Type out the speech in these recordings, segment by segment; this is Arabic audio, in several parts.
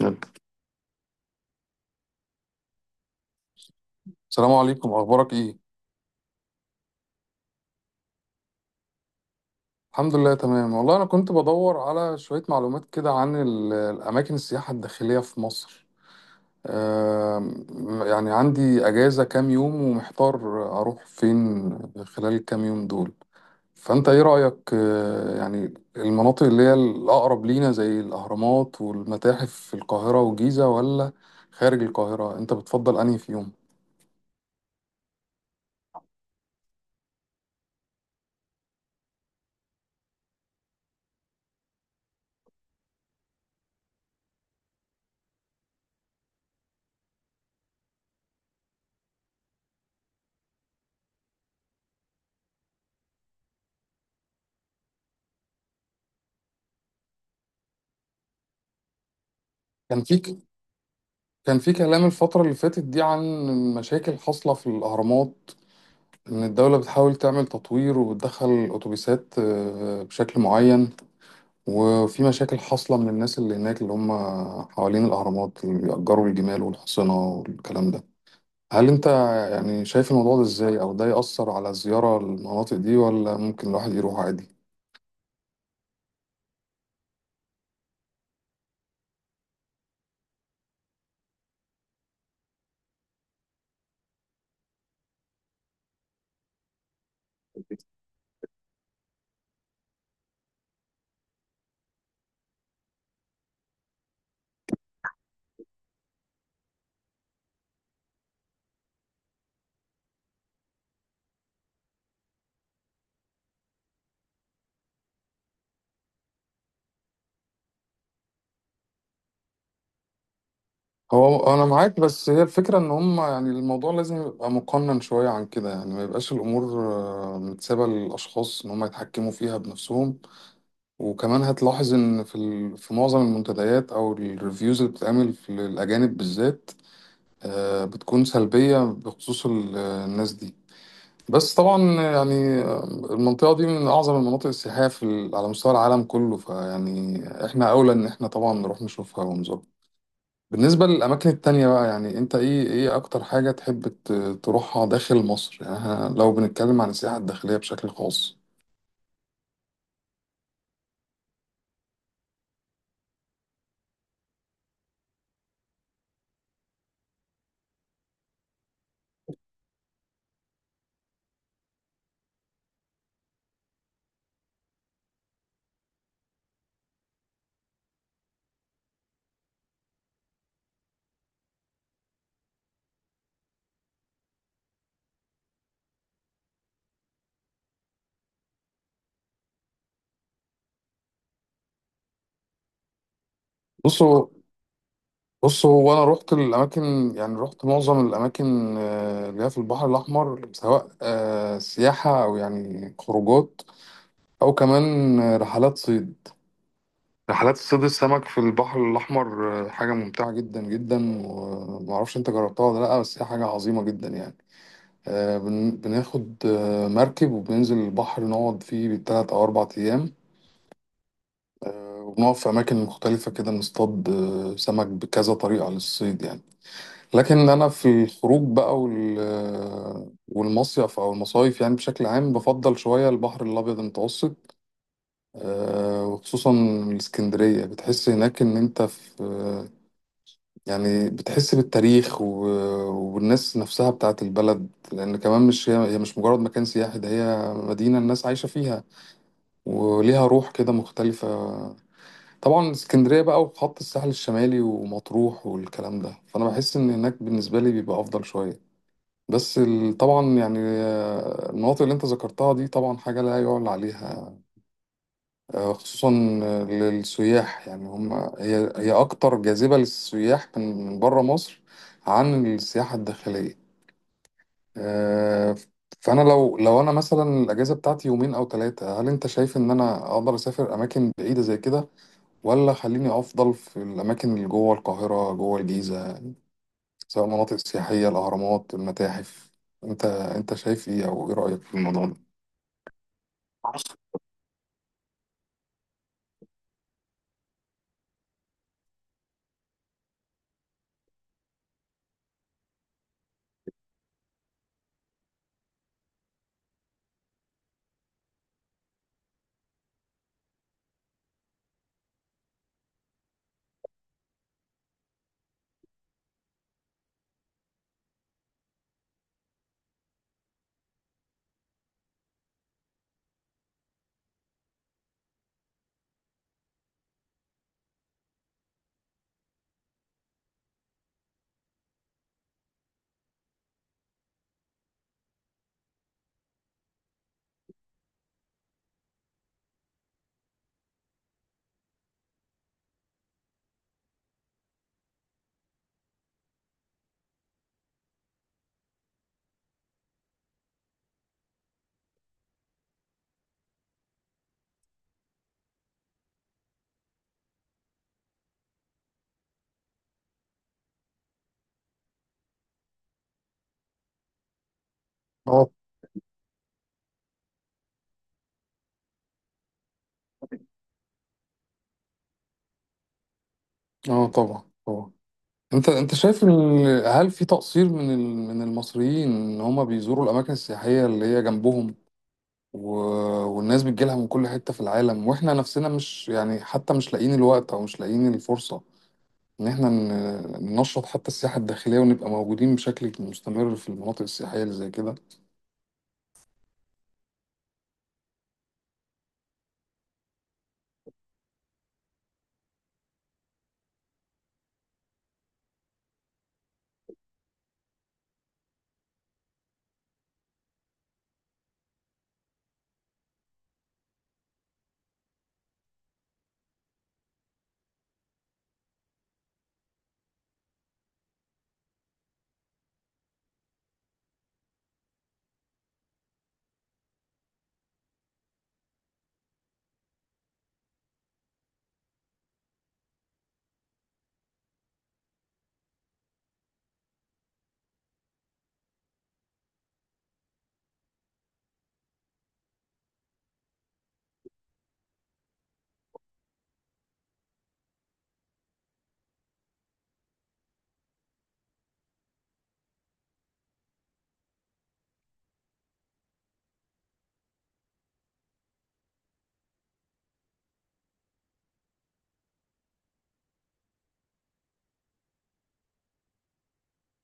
يلا. السلام عليكم، اخبارك ايه؟ الحمد لله تمام والله. انا كنت بدور على شوية معلومات كده عن الاماكن السياحة الداخلية في مصر. آم، يعني عندي اجازة كام يوم ومحتار اروح فين خلال الكام يوم دول. فانت ايه رأيك؟ يعني المناطق اللي هي الاقرب لينا زي الاهرامات والمتاحف في القاهرة والجيزة، ولا خارج القاهرة انت بتفضل انهي فيهم؟ كان في كان في كلام الفترة اللي فاتت دي عن مشاكل حاصلة في الأهرامات، إن الدولة بتحاول تعمل تطوير وبتدخل أتوبيسات بشكل معين. وفي مشاكل حاصلة من الناس اللي هناك، اللي هم حوالين الأهرامات، اللي بيأجروا الجمال والحصنة والكلام ده. هل أنت يعني شايف الموضوع ده إزاي؟ أو ده يأثر على الزيارة للمناطق دي، ولا ممكن الواحد يروح عادي؟ هو انا معاك، بس هي الفكره ان هم يعني الموضوع لازم يبقى مقنن شويه عن كده، يعني ما يبقاش الامور متسابه للاشخاص ان هم يتحكموا فيها بنفسهم. وكمان هتلاحظ ان في في معظم المنتديات او الريفيوز اللي بتتعمل في الاجانب بالذات بتكون سلبيه بخصوص الناس دي. بس طبعا يعني المنطقه دي من اعظم المناطق السياحيه في على مستوى العالم كله، فيعني احنا اولى ان احنا طبعا نروح نشوفها ونزورها. بالنسبة للأماكن التانية بقى يعني أنت إيه أكتر حاجة تحب تروحها داخل مصر؟ يعني إحنا لو بنتكلم عن السياحة الداخلية بشكل خاص. بصوا بصوا هو أنا رحت الأماكن، يعني رحت معظم الأماكن اللي هي في البحر الأحمر، سواء سياحة أو يعني خروجات، أو كمان رحلات صيد. رحلات صيد السمك في البحر الأحمر حاجة ممتعة جدا جدا، ومعرفش أنت جربتها ولا لأ، بس هي حاجة عظيمة جدا يعني. بناخد مركب وبننزل البحر نقعد فيه بالتلات أو أربع أيام، وبنقف في أماكن مختلفة كده نصطاد سمك بكذا طريقة للصيد يعني. لكن أنا في الخروج بقى والمصيف أو المصايف يعني بشكل عام بفضل شوية البحر الأبيض المتوسط، وخصوصا الإسكندرية. بتحس هناك إن أنت في يعني بتحس بالتاريخ والناس نفسها بتاعت البلد، لأن كمان مش هي هي مش مجرد مكان سياحي، ده هي مدينة الناس عايشة فيها وليها روح كده مختلفة. طبعا اسكندرية بقى وخط الساحل الشمالي ومطروح والكلام ده، فأنا بحس إن هناك بالنسبة لي بيبقى أفضل شوية. بس طبعا يعني المناطق اللي أنت ذكرتها دي طبعا حاجة لا يعلى عليها، خصوصا للسياح، يعني هم هي أكتر جاذبة للسياح من من بره مصر عن السياحة الداخلية. آه، فأنا لو أنا مثلا الأجازة بتاعتي يومين أو ثلاثة، هل أنت شايف إن أنا أقدر أسافر أماكن بعيدة زي كده، ولا خليني أفضل في الأماكن اللي جوه القاهرة جوه الجيزة، سواء مناطق سياحية، الأهرامات، المتاحف؟ أنت شايف إيه، أو إيه رأيك في الموضوع ده؟ اه. اه طبعا طبعا. انت شايف هل في تقصير من من المصريين ان هم بيزوروا الاماكن السياحيه اللي هي جنبهم، و... والناس بتجيلها من كل حته في العالم، واحنا نفسنا مش يعني حتى مش لاقيين الوقت او مش لاقيين الفرصه ان احنا ننشط حتى السياحه الداخليه ونبقى موجودين بشكل مستمر في المناطق السياحيه اللي زي كده؟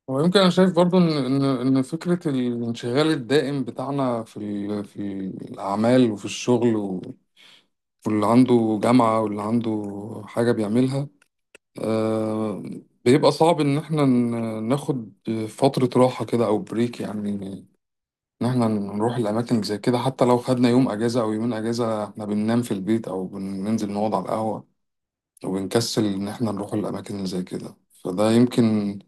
ويمكن انا شايف برضو ان فكره الانشغال الدائم بتاعنا في في الاعمال وفي الشغل واللي عنده جامعه واللي عنده حاجه بيعملها، آه، بيبقى صعب ان احنا ناخد فترة راحة كده او بريك، يعني ان احنا نروح الاماكن زي كده. حتى لو خدنا يوم اجازة او يومين اجازة، احنا بننام في البيت او بننزل نقعد على القهوة، وبنكسل ان احنا نروح الاماكن اللي زي كده. فده يمكن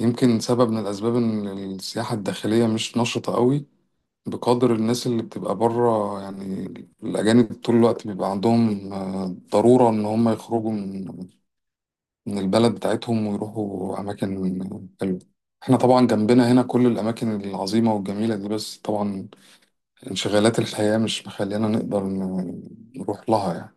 يمكن سبب من الاسباب ان السياحة الداخلية مش نشطة قوي بقدر الناس اللي بتبقى بره يعني. الأجانب طول الوقت بيبقى عندهم ضرورة إن هم يخرجوا من البلد بتاعتهم ويروحوا أماكن حلوة. احنا طبعا جنبنا هنا كل الأماكن العظيمة والجميلة دي، بس طبعا انشغالات الحياة مش مخلينا نقدر نروح لها يعني.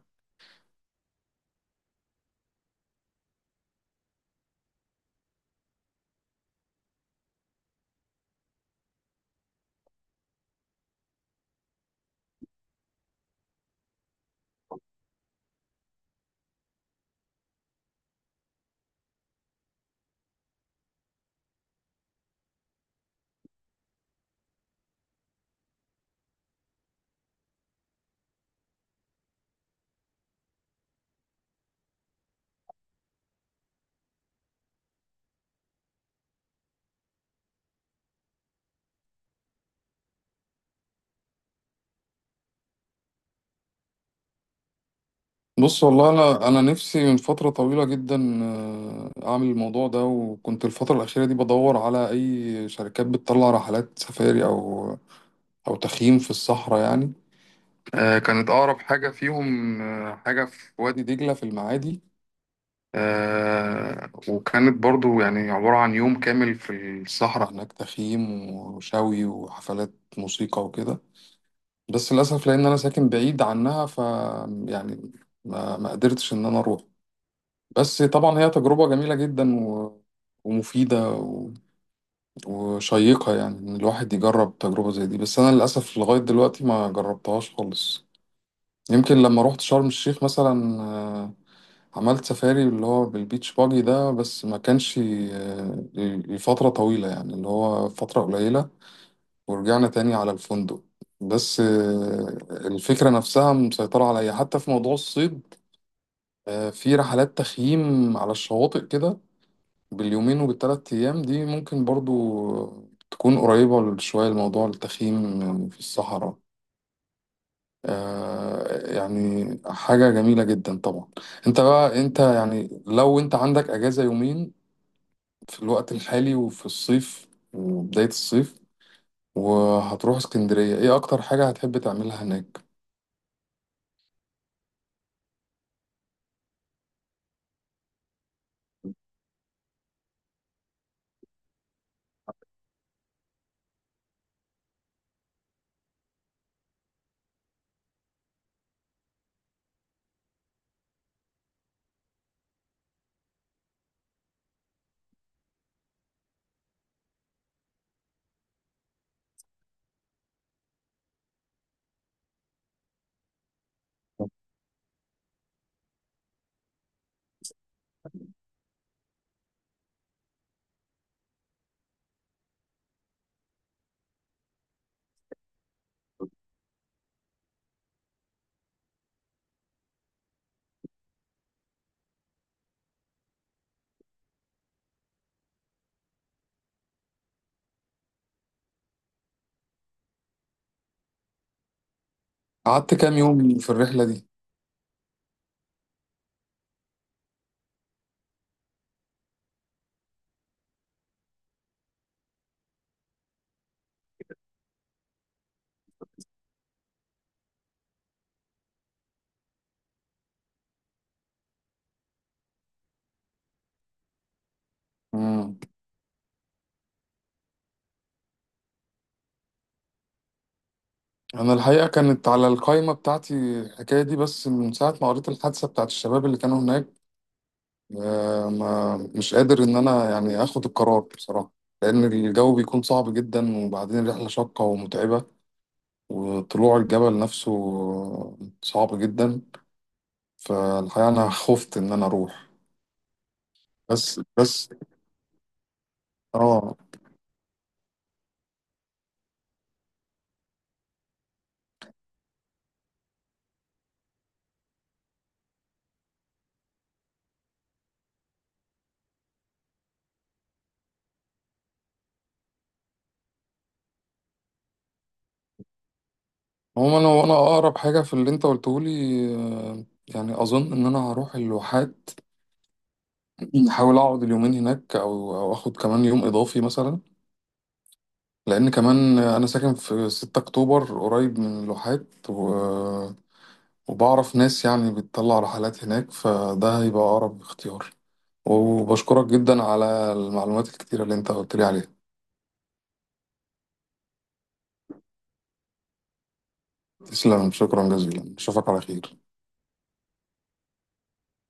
بص والله، أنا نفسي من فترة طويلة جدا أعمل الموضوع ده، وكنت الفترة الأخيرة دي بدور على أي شركات بتطلع رحلات سفاري أو أو تخييم في الصحراء يعني. كانت أقرب حاجة فيهم حاجة في وادي دجلة في المعادي. آه، وكانت برضو يعني عبارة عن يوم كامل في الصحراء هناك، تخييم وشوي وحفلات موسيقى وكده. بس للأسف لأن أنا ساكن بعيد عنها ف يعني ما قدرتش إن أنا أروح. بس طبعا هي تجربة جميلة جدا ومفيدة وشيقة يعني، إن الواحد يجرب تجربة زي دي، بس أنا للأسف لغاية دلوقتي ما جربتهاش خالص. يمكن لما روحت شرم الشيخ مثلا، عملت سفاري اللي هو بالبيتش باجي ده، بس ما كانش لفترة طويلة، يعني اللي هو فترة قليلة، ورجعنا تاني على الفندق. بس الفكرة نفسها مسيطرة عليا حتى في موضوع الصيد. في رحلات تخييم على الشواطئ كده باليومين وبالتلات أيام دي، ممكن برضو تكون قريبة شوية لموضوع التخييم في الصحراء. يعني حاجة جميلة جدا طبعا. انت بقى يعني لو انت عندك اجازة يومين في الوقت الحالي وفي الصيف وبداية الصيف وهتروح اسكندرية، ايه اكتر حاجة هتحب تعملها هناك؟ قعدت كام يوم في الرحلة دي؟ مم. انا الحقيقة كانت على القائمة بتاعتي الحكاية دي، بس من ساعة ما قريت الحادثة بتاعت الشباب اللي كانوا هناك، آه، ما مش قادر ان انا يعني اخد القرار بصراحة، لان الجو بيكون صعب جدا، وبعدين الرحلة شاقة ومتعبة، وطلوع الجبل نفسه صعب جدا، فالحقيقة انا خفت ان انا اروح. بس اه. عموما انا وانا اقرب حاجه في اللي انت قلته لي، آه، يعني اظن ان انا هروح الواحات، احاول اقعد اليومين هناك او او اخد كمان يوم اضافي مثلا، لان كمان انا ساكن في 6 اكتوبر قريب من الواحات وبعرف ناس يعني بتطلع رحلات هناك، فده هيبقى اقرب اختيار. وبشكرك جدا على المعلومات الكتيره اللي انت قلت لي عليها. تسلم، شكرا جزيلا، اشوفك على خير.